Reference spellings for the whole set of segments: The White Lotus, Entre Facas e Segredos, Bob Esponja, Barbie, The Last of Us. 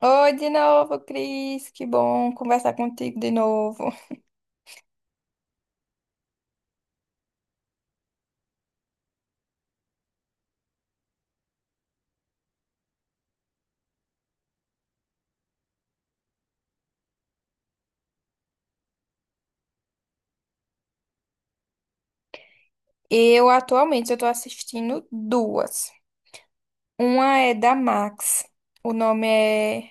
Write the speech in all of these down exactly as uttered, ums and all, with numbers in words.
Oi de novo, Cris. Que bom conversar contigo de novo. Eu atualmente eu tô assistindo duas. Uma é da Max. O nome é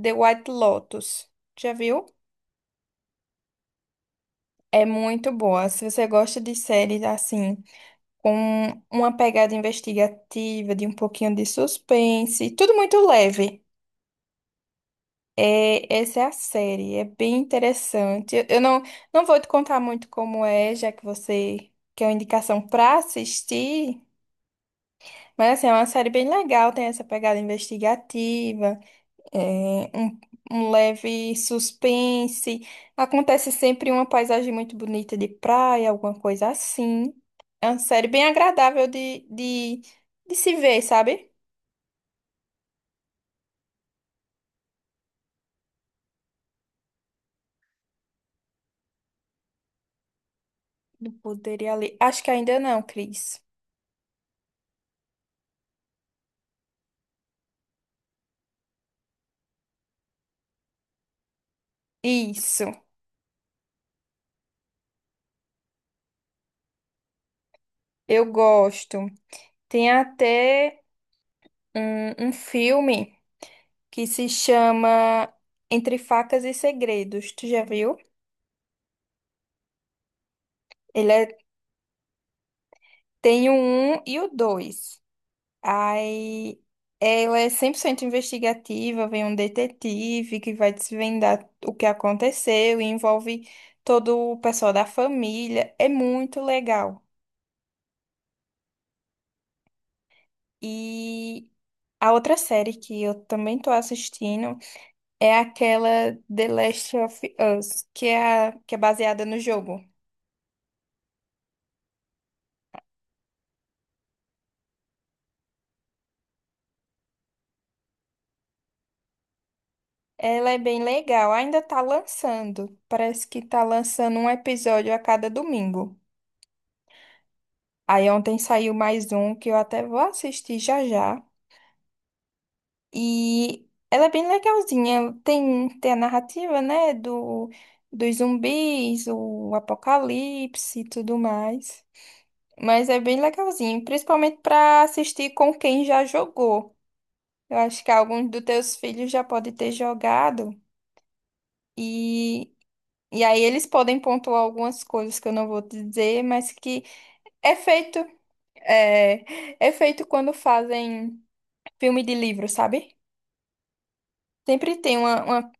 The White Lotus. Já viu? É muito boa. Se você gosta de séries assim, com uma pegada investigativa, de um pouquinho de suspense, tudo muito leve. É, essa é a série, é bem interessante. Eu eu não, Não vou te contar muito como é, já que você quer uma indicação para assistir, mas assim, é uma série bem legal, tem essa pegada investigativa, é, um, um leve suspense. Acontece sempre uma paisagem muito bonita de praia, alguma coisa assim. É uma série bem agradável de, de, de se ver, sabe? Não poderia ler. Acho que ainda não, Cris. Isso, eu gosto. Tem até um, um filme que se chama Entre Facas e Segredos. Tu já viu? Ele é- Tem o um e o dois. Aí ela é cem por cento investigativa, vem um detetive que vai desvendar o que aconteceu e envolve todo o pessoal da família. É muito legal. E a outra série que eu também tô assistindo é aquela The Last of Us, que é, a- que é baseada no jogo. Ela é bem legal, ainda tá lançando. Parece que tá lançando um episódio a cada domingo. Aí ontem saiu mais um que eu até vou assistir já já. E ela é bem legalzinha. Tem, tem a narrativa, né, do, dos zumbis, o apocalipse e tudo mais. Mas é bem legalzinho, principalmente pra assistir com quem já jogou. Eu acho que alguns dos teus filhos já pode ter jogado e, e aí eles podem pontuar algumas coisas que eu não vou te dizer, mas que é feito é, é feito quando fazem filme de livro, sabe? Sempre tem uma, uma-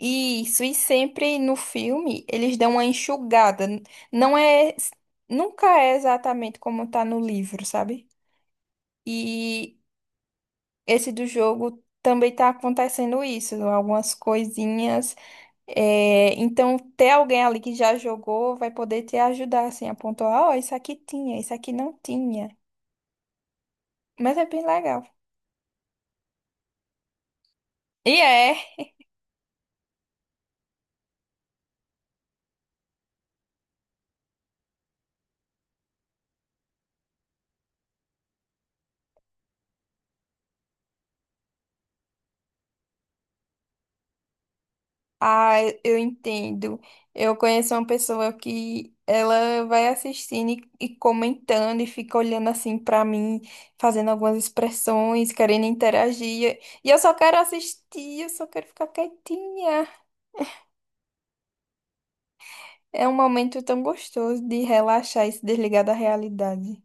isso, e sempre no filme eles dão uma enxugada. Não é Nunca é exatamente como tá no livro, sabe? E esse do jogo também tá acontecendo isso, algumas coisinhas. É, então, ter alguém ali que já jogou vai poder te ajudar, assim, a pontuar, ó, isso aqui tinha, isso aqui não tinha. Mas é bem legal. E é, ah, eu entendo. Eu conheço uma pessoa que ela vai assistindo e, e comentando e fica olhando assim pra mim, fazendo algumas expressões, querendo interagir. E eu só quero assistir, eu só quero ficar quietinha. É um momento tão gostoso de relaxar e se desligar da realidade.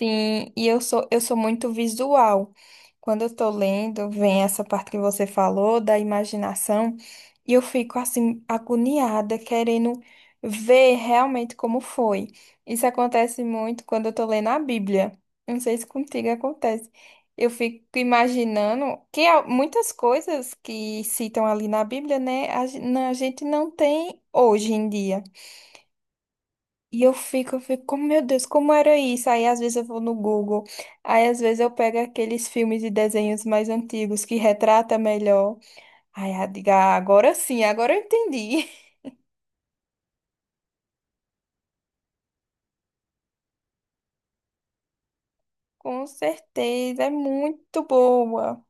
Sim, e eu sou, eu sou muito visual. Quando eu tô lendo, vem essa parte que você falou da imaginação, e eu fico assim, agoniada, querendo ver realmente como foi. Isso acontece muito quando eu tô lendo a Bíblia. Eu não sei se contigo acontece. Eu fico imaginando que há muitas coisas que citam ali na Bíblia, né, a gen- não- a gente não tem hoje em dia. E eu fico, eu fico, como, meu Deus, como era isso? Aí às vezes eu vou no Google, aí às vezes eu pego aqueles filmes e desenhos mais antigos que retrata melhor. Aí eu digo, "Ah, agora sim, agora eu entendi." Com certeza, é muito boa.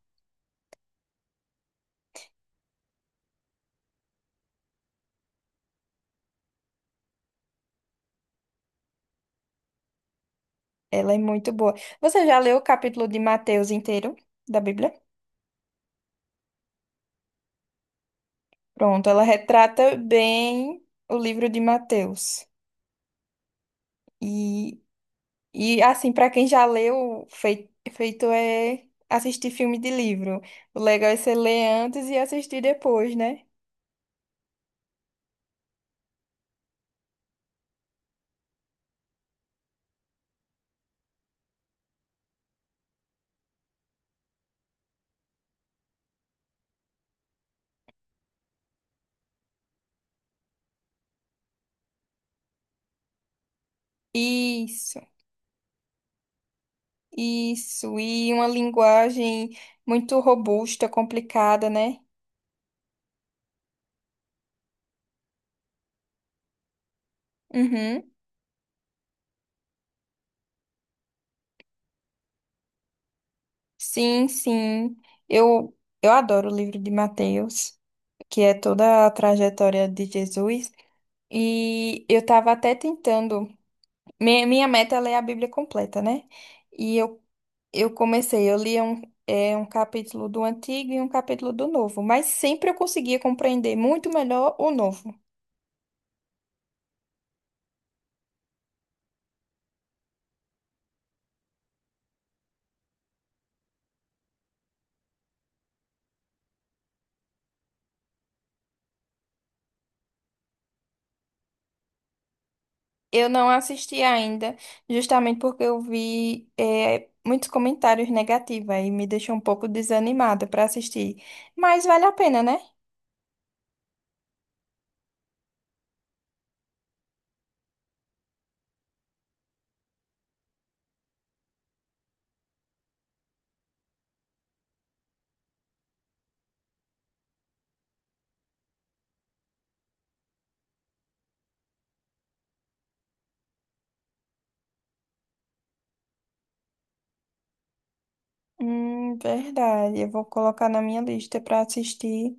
Ela é muito boa. Você já leu o capítulo de Mateus inteiro da Bíblia? Pronto, ela retrata bem o livro de Mateus. E assim, para quem já leu, fei- feito é assistir filme de livro. O legal é você ler antes e assistir depois, né? Isso, isso. E uma linguagem muito robusta, complicada, né? Uhum. Sim, sim. Eu, eu adoro o livro de Mateus, que é toda a trajetória de Jesus. E eu estava até tentando. Minha, minha meta é ler a Bíblia completa, né? E eu Eu comecei, eu lia um, é, um capítulo do antigo e um capítulo do novo, mas sempre eu conseguia compreender muito melhor o novo. Eu não assisti ainda, justamente porque eu vi, é, muitos comentários negativos aí me deixou um pouco desanimada para assistir. Mas vale a pena, né? Hum, verdade. Eu vou colocar na minha lista para assistir,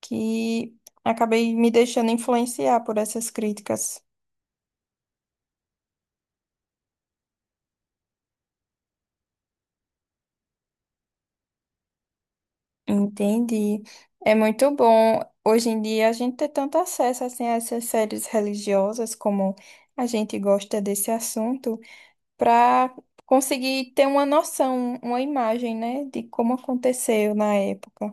que acabei me deixando influenciar por essas críticas. Entendi. É muito bom. Hoje em dia a gente ter tanto acesso assim, a essas séries religiosas, como a gente gosta desse assunto, para conseguir ter uma noção, uma imagem, né, de como aconteceu na época.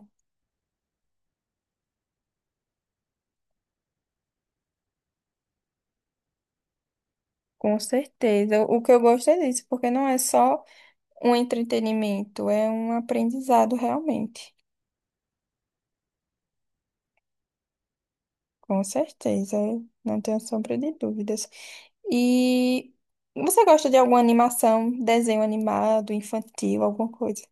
Com certeza. O que eu gosto é disso, porque não é só um entretenimento, é um aprendizado realmente. Com certeza, não tenho sombra de dúvidas. E você gosta de alguma animação, desenho animado, infantil, alguma coisa?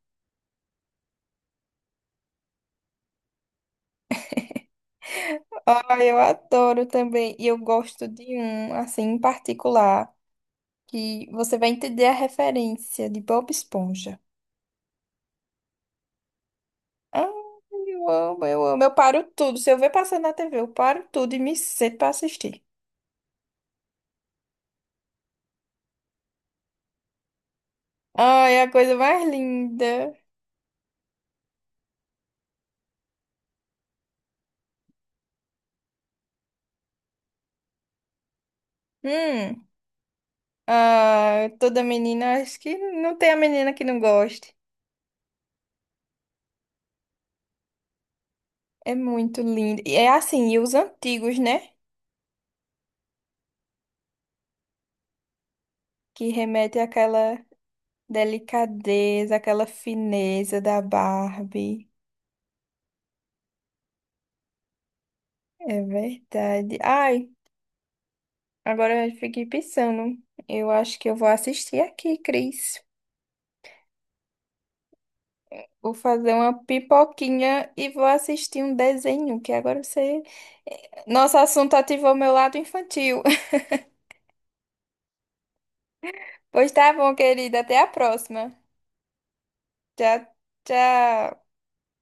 Ah, eu adoro também. E eu gosto de um, assim, em particular, que você vai entender a referência de Bob Esponja. Ah, eu amo, eu amo. Eu paro tudo. Se eu ver passando na T V, eu paro tudo e me sento pra assistir. Ai, é a coisa mais linda. Hum. Ah, toda menina, acho que não tem a menina que não goste. É muito lindo. E é assim, e os antigos, né? Que remete àquela delicadeza, àquela fineza da Barbie. É verdade. Ai, agora eu fiquei pensando. Eu acho que eu vou assistir aqui, Cris. Vou fazer uma pipoquinha e vou assistir um desenho, que agora você. eh, Nosso assunto ativou meu lado infantil. Pois tá bom, querida. Até a próxima. Tchau, tchau.